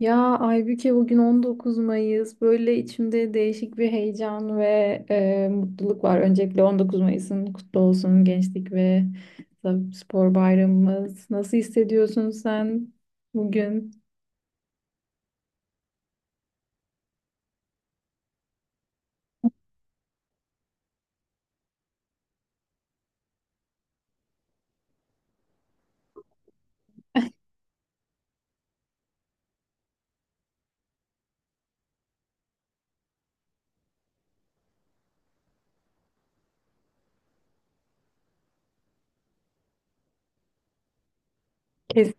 Ya Aybüke, bugün 19 Mayıs. Böyle içimde değişik bir heyecan ve mutluluk var. Öncelikle 19 Mayıs'ın kutlu olsun, gençlik ve spor bayramımız. Nasıl hissediyorsun sen bugün? Kes-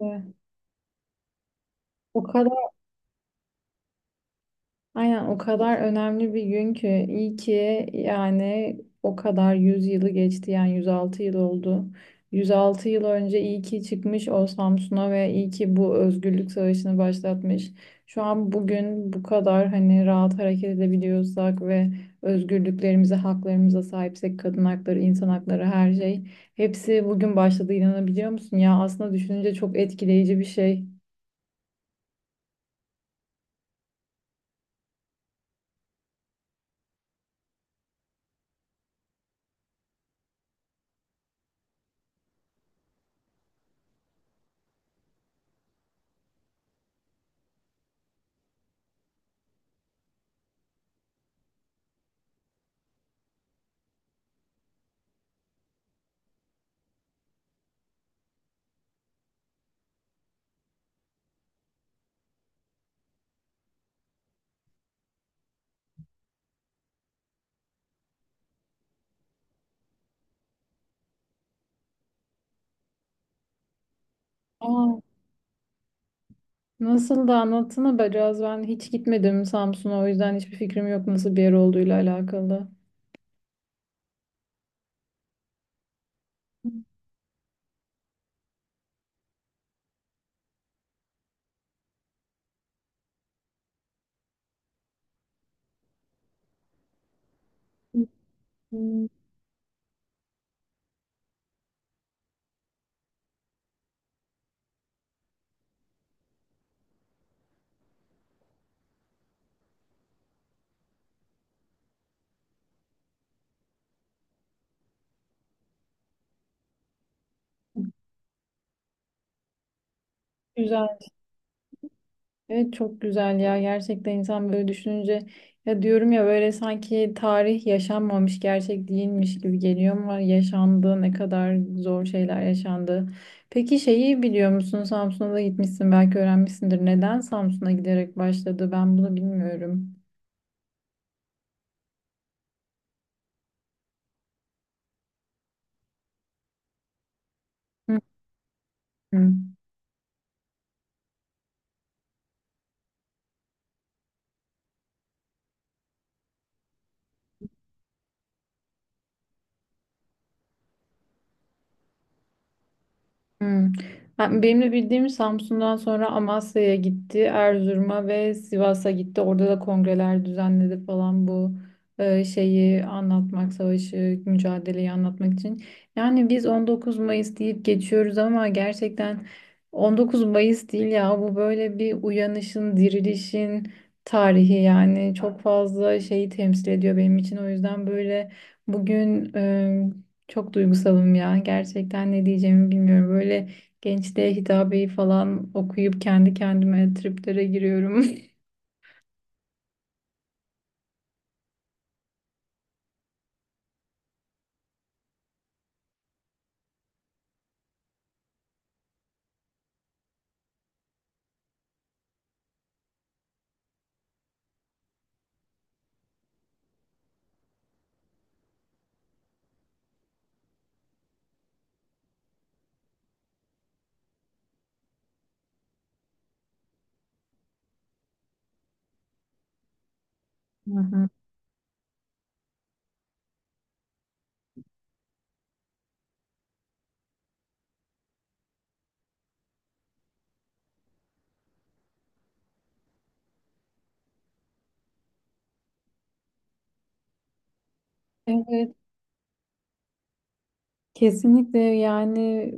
E, O kadar aynen o kadar önemli bir gün ki iyi ki yani o kadar 100 yılı geçti, yani 106 yıl oldu. 106 yıl önce iyi ki çıkmış o Samsun'a ve iyi ki bu özgürlük savaşını başlatmış. Şu an bugün bu kadar hani rahat hareket edebiliyorsak ve özgürlüklerimize, haklarımıza sahipsek, kadın hakları, insan hakları, her şey, hepsi bugün başladı, inanabiliyor musun? Ya aslında düşününce çok etkileyici bir şey. Aa, nasıl da anlatsana be Caz. Ben hiç gitmedim Samsun'a. O yüzden hiçbir fikrim yok nasıl bir yer olduğuyla alakalı. Hmm. Güzel. Evet, çok güzel ya. Gerçekten insan böyle düşününce ya diyorum ya, böyle sanki tarih yaşanmamış, gerçek değilmiş gibi geliyor ama yaşandı, ne kadar zor şeyler yaşandı. Peki, şeyi biliyor musun? Samsun'a da gitmişsin, belki öğrenmişsindir. Neden Samsun'a giderek başladı? Ben bunu bilmiyorum. Hı hı. Hmm. Benim de bildiğim, Samsun'dan sonra Amasya'ya gitti, Erzurum'a ve Sivas'a gitti. Orada da kongreler düzenledi falan, bu şeyi anlatmak, savaşı, mücadeleyi anlatmak için. Yani biz 19 Mayıs deyip geçiyoruz ama gerçekten 19 Mayıs değil ya bu, böyle bir uyanışın, dirilişin tarihi, yani çok fazla şeyi temsil ediyor benim için. O yüzden böyle bugün çok duygusalım ya. Gerçekten ne diyeceğimi bilmiyorum. Böyle gençliğe hitabeyi falan okuyup kendi kendime triplere giriyorum. Hı hı. Evet. Kesinlikle yani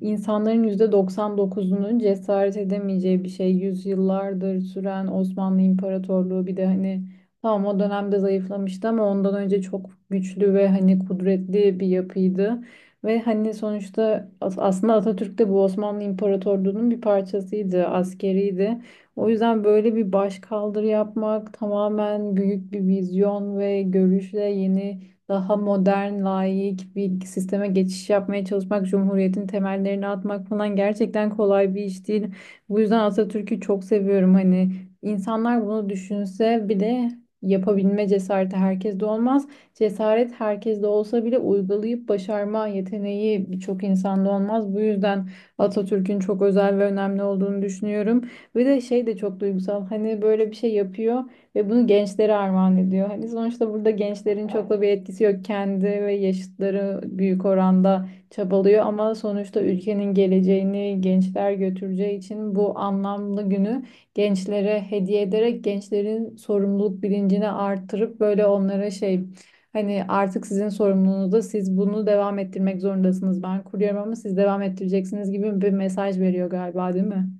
insanların %99'unun cesaret edemeyeceği bir şey. Yüzyıllardır süren Osmanlı İmparatorluğu, bir de hani tamam o dönemde zayıflamıştı ama ondan önce çok güçlü ve hani kudretli bir yapıydı. Ve hani sonuçta aslında Atatürk de bu Osmanlı İmparatorluğu'nun bir parçasıydı, askeriydi. O yüzden böyle bir başkaldırı yapmak, tamamen büyük bir vizyon ve görüşle yeni daha modern, layık bir sisteme geçiş yapmaya çalışmak, cumhuriyetin temellerini atmak falan gerçekten kolay bir iş değil. Bu yüzden Atatürk'ü çok seviyorum. Hani insanlar bunu düşünse bile yapabilme cesareti herkeste olmaz. Cesaret herkeste olsa bile uygulayıp başarma yeteneği birçok insanda olmaz. Bu yüzden Atatürk'ün çok özel ve önemli olduğunu düşünüyorum. Bir de şey de çok duygusal. Hani böyle bir şey yapıyor. Ve bunu gençlere armağan ediyor. Hani sonuçta burada gençlerin çok da bir etkisi yok. Kendi ve yaşıtları büyük oranda çabalıyor ama sonuçta ülkenin geleceğini gençler götüreceği için bu anlamlı günü gençlere hediye ederek gençlerin sorumluluk bilincini artırıp böyle onlara şey, hani artık sizin sorumluluğunuzda, siz bunu devam ettirmek zorundasınız. Ben kuruyorum ama siz devam ettireceksiniz gibi bir mesaj veriyor galiba, değil mi?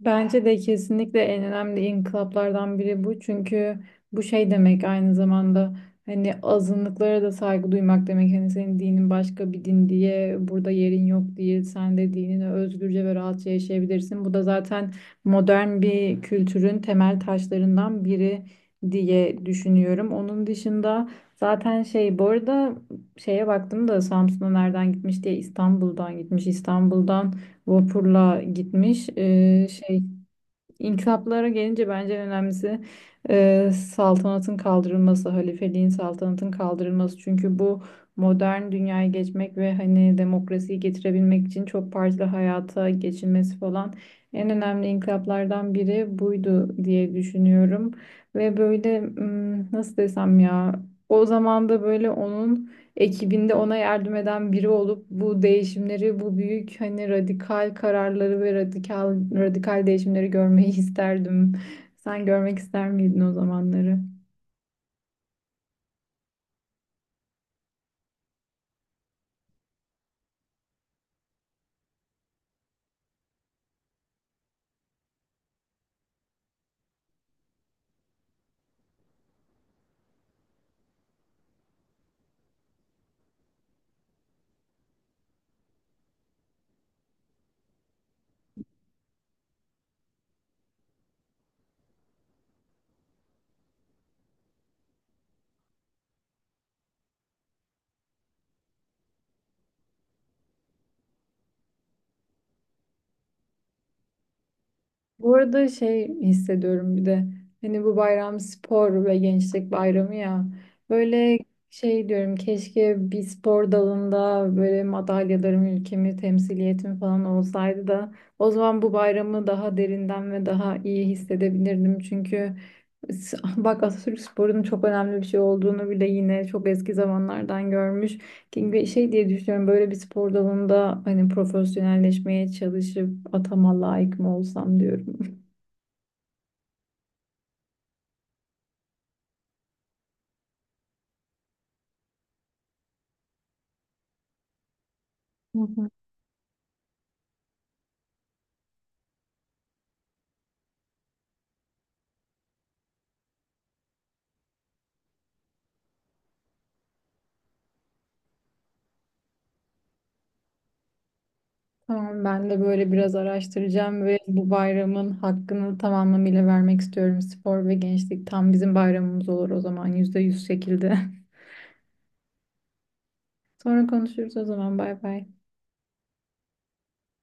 Bence de kesinlikle en önemli inkılaplardan biri bu. Çünkü bu şey demek, aynı zamanda hani azınlıklara da saygı duymak demek. Hani senin dinin başka bir din diye burada yerin yok diye, sen de dinini özgürce ve rahatça yaşayabilirsin. Bu da zaten modern bir kültürün temel taşlarından biri diye düşünüyorum. Onun dışında zaten şey, bu arada şeye baktım da Samsun'a nereden gitmiş diye, İstanbul'dan gitmiş. İstanbul'dan vapurla gitmiş. Şey, inkılaplara gelince bence en önemlisi saltanatın kaldırılması, halifeliğin, saltanatın kaldırılması. Çünkü bu, modern dünyaya geçmek ve hani demokrasiyi getirebilmek için çok partili hayata geçilmesi falan, en önemli inkılaplardan biri buydu diye düşünüyorum. Ve böyle nasıl desem ya, o zaman da böyle onun ekibinde ona yardım eden biri olup bu değişimleri, bu büyük hani radikal kararları ve radikal radikal değişimleri görmeyi isterdim. Sen görmek ister miydin o zamanları? Bu arada şey hissediyorum bir de, hani bu bayram spor ve gençlik bayramı ya, böyle şey diyorum, keşke bir spor dalında böyle madalyalarım, ülkemi temsiliyetim falan olsaydı da o zaman bu bayramı daha derinden ve daha iyi hissedebilirdim çünkü bak, Atatürk sporunun çok önemli bir şey olduğunu bile yine çok eski zamanlardan görmüş. Ve şey diye düşünüyorum, böyle bir spor dalında hani profesyonelleşmeye çalışıp atama layık mı olsam diyorum. Hı hı. Tamam, ben de böyle biraz araştıracağım ve bu bayramın hakkını tamamlamıyla vermek istiyorum. Spor ve gençlik tam bizim bayramımız olur o zaman, %100 şekilde. Sonra konuşuruz o zaman, bay bay.